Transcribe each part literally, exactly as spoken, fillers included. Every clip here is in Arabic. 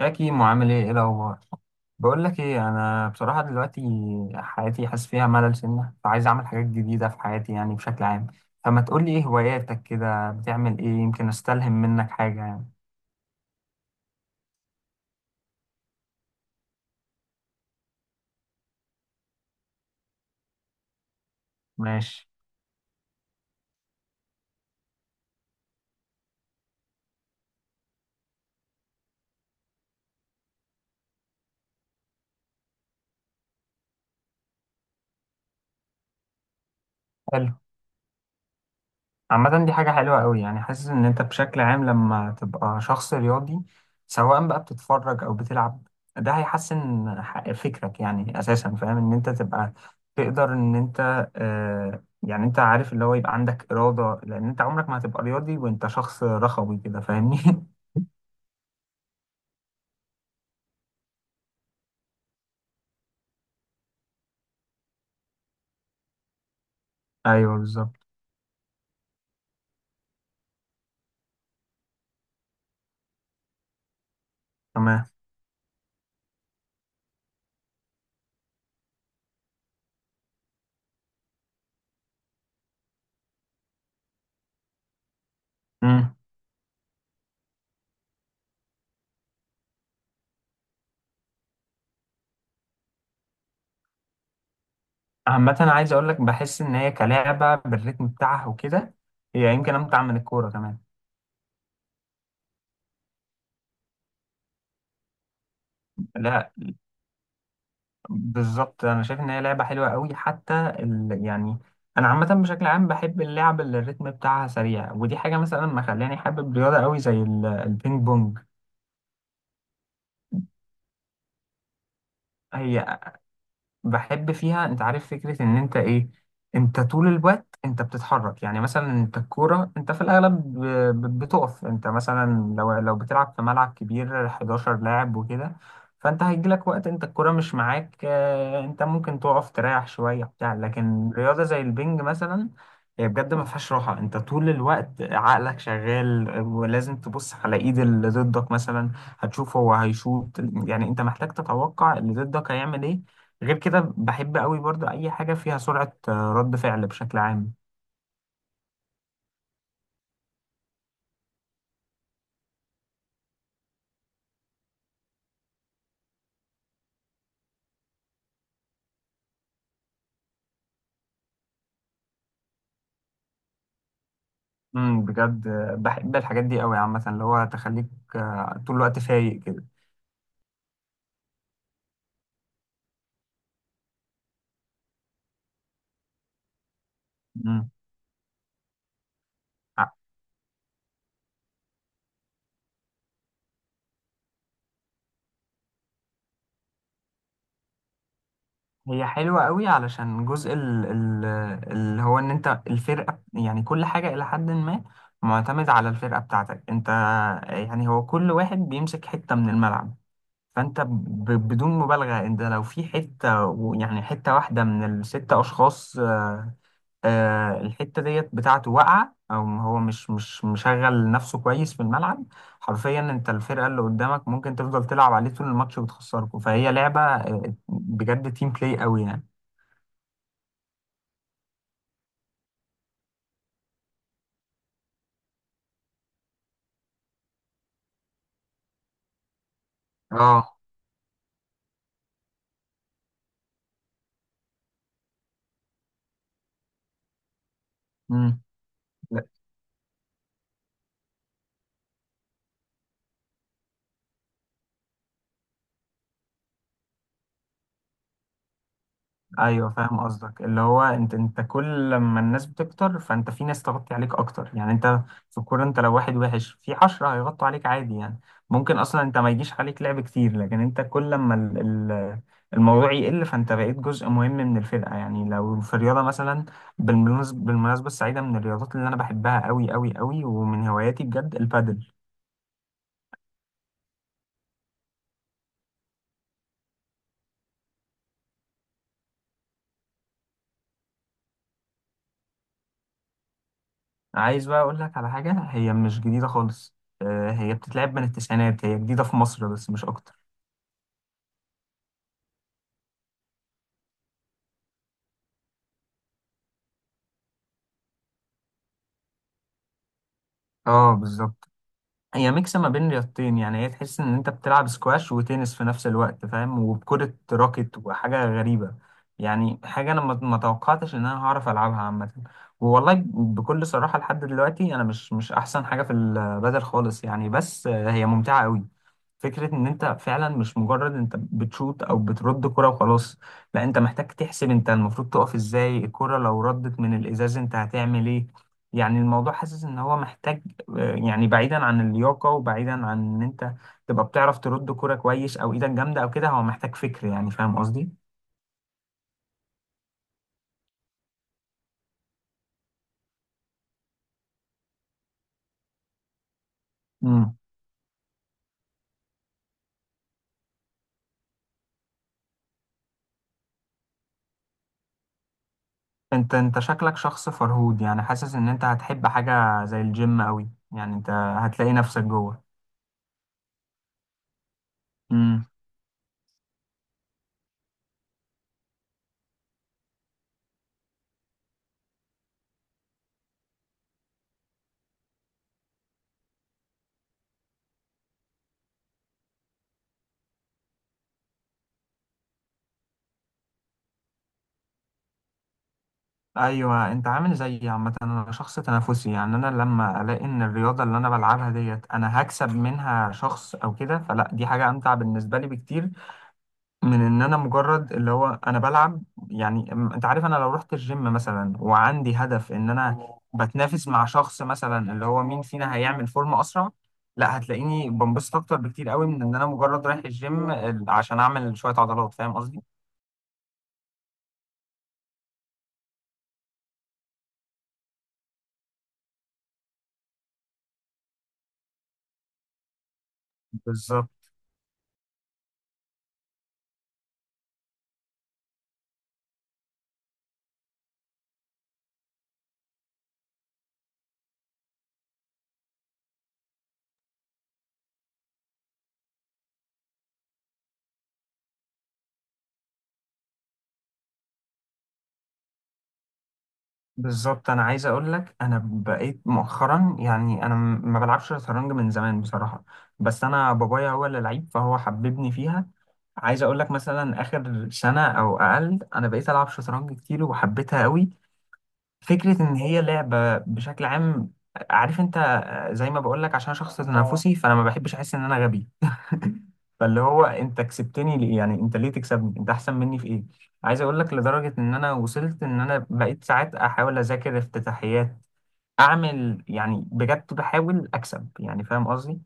يا كيمو، عامل ايه؟ ايه الاخبار؟ بقول لك ايه، انا بصراحه دلوقتي حياتي حاسس فيها ملل سنه، فعايز اعمل حاجات جديده في حياتي يعني بشكل عام. فما تقول لي ايه هواياتك؟ كده بتعمل ايه؟ يمكن استلهم منك حاجه يعني. ماشي. حلو. عامة دي حاجة حلوة قوي، يعني حاسس إن أنت بشكل عام لما تبقى شخص رياضي، سواء بقى بتتفرج أو بتلعب، ده هيحسن ح- فكرك يعني. أساسا فاهم إن أنت تبقى، تقدر إن أنت آه يعني، أنت عارف اللي هو، يبقى عندك إرادة، لأن أنت عمرك ما هتبقى رياضي وأنت شخص رخوي كده، فاهمني؟ أيوه، بالظبط. تمام. مم. عامة، عايز أقول لك، بحس إن هي كلعبة بالريتم بتاعها وكده، هي يمكن أمتع من الكورة كمان. لا، بالظبط، انا شايف ان هي لعبه حلوه قوي. حتى ال... يعني، انا عامه بشكل عام بحب اللعب اللي الريتم بتاعها سريع، ودي حاجه مثلا ما خلاني حابب رياضه قوي زي ال- البينج بونج. هي بحب فيها، انت عارف فكرة ان انت ايه، انت طول الوقت انت بتتحرك. يعني مثلا انت الكورة، انت في الاغلب ب- ب- بتقف. انت مثلا لو لو بتلعب في ملعب كبير حداشر لاعب وكده، فانت هيجيلك وقت انت الكورة مش معاك، اه، انت ممكن تقف تريح شوية بتاع، لكن رياضة زي البنج مثلا هي بجد ما فيهاش راحة، انت طول الوقت عقلك شغال، ولازم تبص على ايد اللي ضدك، مثلا هتشوف هو هيشوط، يعني انت محتاج تتوقع اللي ضدك هيعمل ايه. غير كده بحب قوي برضو اي حاجه فيها سرعه آه، رد فعل بشكل عام. امم بجد آه، بحب الحاجات دي قوي، عامه اللي هو تخليك آه، طول الوقت فايق كده. امم ع- هي حلوه قوي علشان جزء ال- ال- اللي هو ان انت الفرقه، يعني كل حاجه الى حد ما معتمد على الفرقه بتاعتك انت. يعني هو كل واحد بيمسك حته من الملعب، فانت ب- بدون مبالغه، انت لو في حته، يعني حته واحده من الست اشخاص، آه، الحتة ديت بتاعته واقعة، أو هو مش مش مشغل نفسه كويس في الملعب، حرفيا أنت الفرقة اللي قدامك ممكن تفضل تلعب عليه طول الماتش وتخسركوا. فهي لعبة آه، بجد تيم بلاي قوي يعني. اه. مم. ايوه فاهم قصدك، اللي هو انت انت كل لما الناس بتكتر، فانت في ناس تغطي عليك اكتر، يعني انت في الكوره انت لو واحد وحش في عشرة هيغطوا عليك عادي يعني. ممكن اصلا انت ما يجيش عليك لعب كتير، لكن انت كل لما ال- ال- الموضوع يقل، فانت بقيت جزء مهم من الفرقه. يعني لو في الرياضه مثلا، بالمناس- بالمناسبه السعيده، من الرياضات اللي انا بحبها قوي قوي قوي ومن هواياتي بجد البادل. عايز بقى اقول لك على حاجه، هي مش جديده خالص، آه، هي بتتلعب من التسعينات، هي جديده في مصر بس مش اكتر. اه بالظبط. هي ميكس ما بين رياضتين، يعني هي تحس ان انت بتلعب سكواش وتنس في نفس الوقت، فاهم، وبكرة راكت، وحاجة غريبة. يعني حاجة انا ما ما توقعتش ان انا هعرف العبها عامة. والله بكل صراحة لحد دلوقتي انا مش مش احسن حاجة في البدل خالص، يعني بس هي ممتعة قوي. فكرة ان انت فعلا مش مجرد انت بتشوت او بترد كرة وخلاص، لا انت محتاج تحسب انت المفروض تقف ازاي، الكرة لو ردت من الازاز انت هتعمل ايه. يعني الموضوع حاسس ان هو محتاج، يعني بعيدا عن اللياقة، وبعيدا عن ان انت تبقى بتعرف ترد كرة كويس، او ايدك جامدة او كده، هو محتاج فكر يعني، فاهم قصدي؟ امم انت انت شكلك شخص فرهود، يعني حاسس ان انت هتحب حاجة زي الجيم قوي، يعني انت هتلاقي نفسك جوه. امم ايوه، انت عامل زيي. عامة انا شخص تنافسي، يعني انا لما الاقي ان الرياضة اللي انا بلعبها ديت انا هكسب منها شخص او كده، فلا دي حاجة امتع بالنسبة لي بكتير من ان انا مجرد اللي هو انا بلعب. يعني أم- انت عارف، انا لو رحت الجيم مثلا وعندي هدف ان انا بتنافس مع شخص مثلا اللي هو مين فينا هيعمل فورمة اسرع، لا هتلاقيني بنبسط اكتر بكتير قوي من ان انا مجرد رايح الجيم ال- عشان اعمل شوية عضلات، فاهم قصدي؟ بالظبط بالظبط. انا عايز اقول لك انا بقيت مؤخرا، يعني انا م- ما بلعبش شطرنج من زمان بصراحة، بس انا بابايا هو اللي لعيب، فهو حببني فيها. عايز اقول لك مثلا اخر سنه او اقل انا بقيت العب شطرنج كتير وحبيتها قوي. فكره ان هي لعبه بشكل عام، عارف انت، آه، زي ما بقول لك، عشان شخص اه تنافسي، فانا ما بحبش احس ان انا غبي. فاللي هو انت كسبتني ليه يعني؟ انت ليه تكسبني؟ انت احسن مني في ايه؟ عايز اقول لك لدرجه ان انا وصلت ان انا بقيت ساعات احاول اذاكر افتتاحيات، اعمل يعني بجد بحاول اكسب يعني، فاهم قصدي؟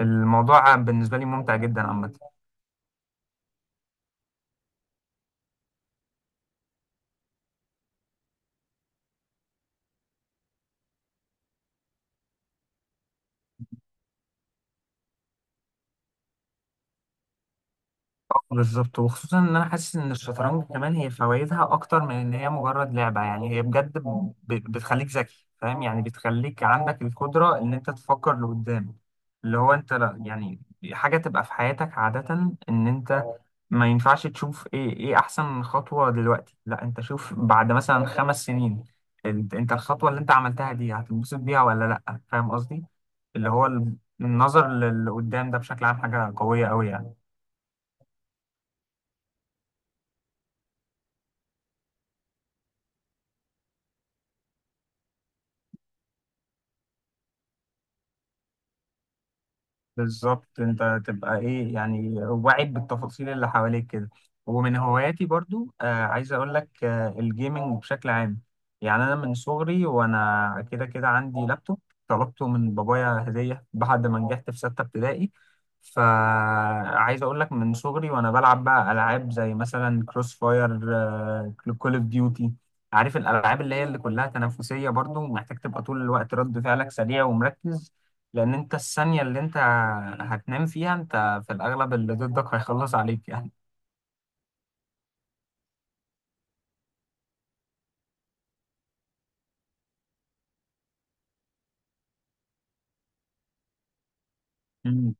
الموضوع بالنسبه لي ممتع جدا عامه. بالظبط، وخصوصا ان انا حاسس ان الشطرنج كمان هي فوائدها اكتر من ان هي مجرد لعبه، يعني هي بجد ب- بتخليك ذكي، فاهم يعني، بتخليك عندك القدره ان انت تفكر لقدام. اللي هو انت، لا يعني، حاجه تبقى في حياتك عاده، ان انت ما ينفعش تشوف ايه ايه احسن خطوه دلوقتي، لا انت شوف بعد مثلا خمس سنين، انت انت الخطوه اللي انت عملتها دي هتنبسط بيها ولا لا، فاهم قصدي؟ اللي هو، النظر للي قدام ده بشكل عام حاجه قويه قوي يعني. بالظبط، انت تبقى ايه يعني، واعد بالتفاصيل اللي حواليك كده. ومن هواياتي برضو آه عايز اقول لك آه الجيمنج بشكل عام. يعني انا من صغري وانا كده كده عندي لابتوب، طلبته من بابايا هدية بعد ما نجحت في ستة ابتدائي. فعايز اقول لك من صغري وانا بلعب بقى العاب زي مثلا كروس فاير، كول اوف ديوتي. عارف الالعاب اللي هي اللي كلها تنافسية، برضو محتاج تبقى طول الوقت رد فعلك سريع ومركز، لان انت الثانية اللي انت هتنام فيها انت في الاغلب اللي ضدك هيخلص عليك يعني. مم.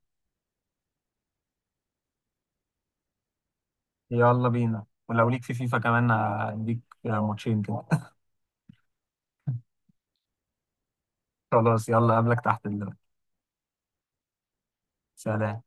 يلا بينا، ولو ليك في فيفا كمان هديك ماتشين كده. خلاص، يلا، قبلك تحت دلوقتي. سلام.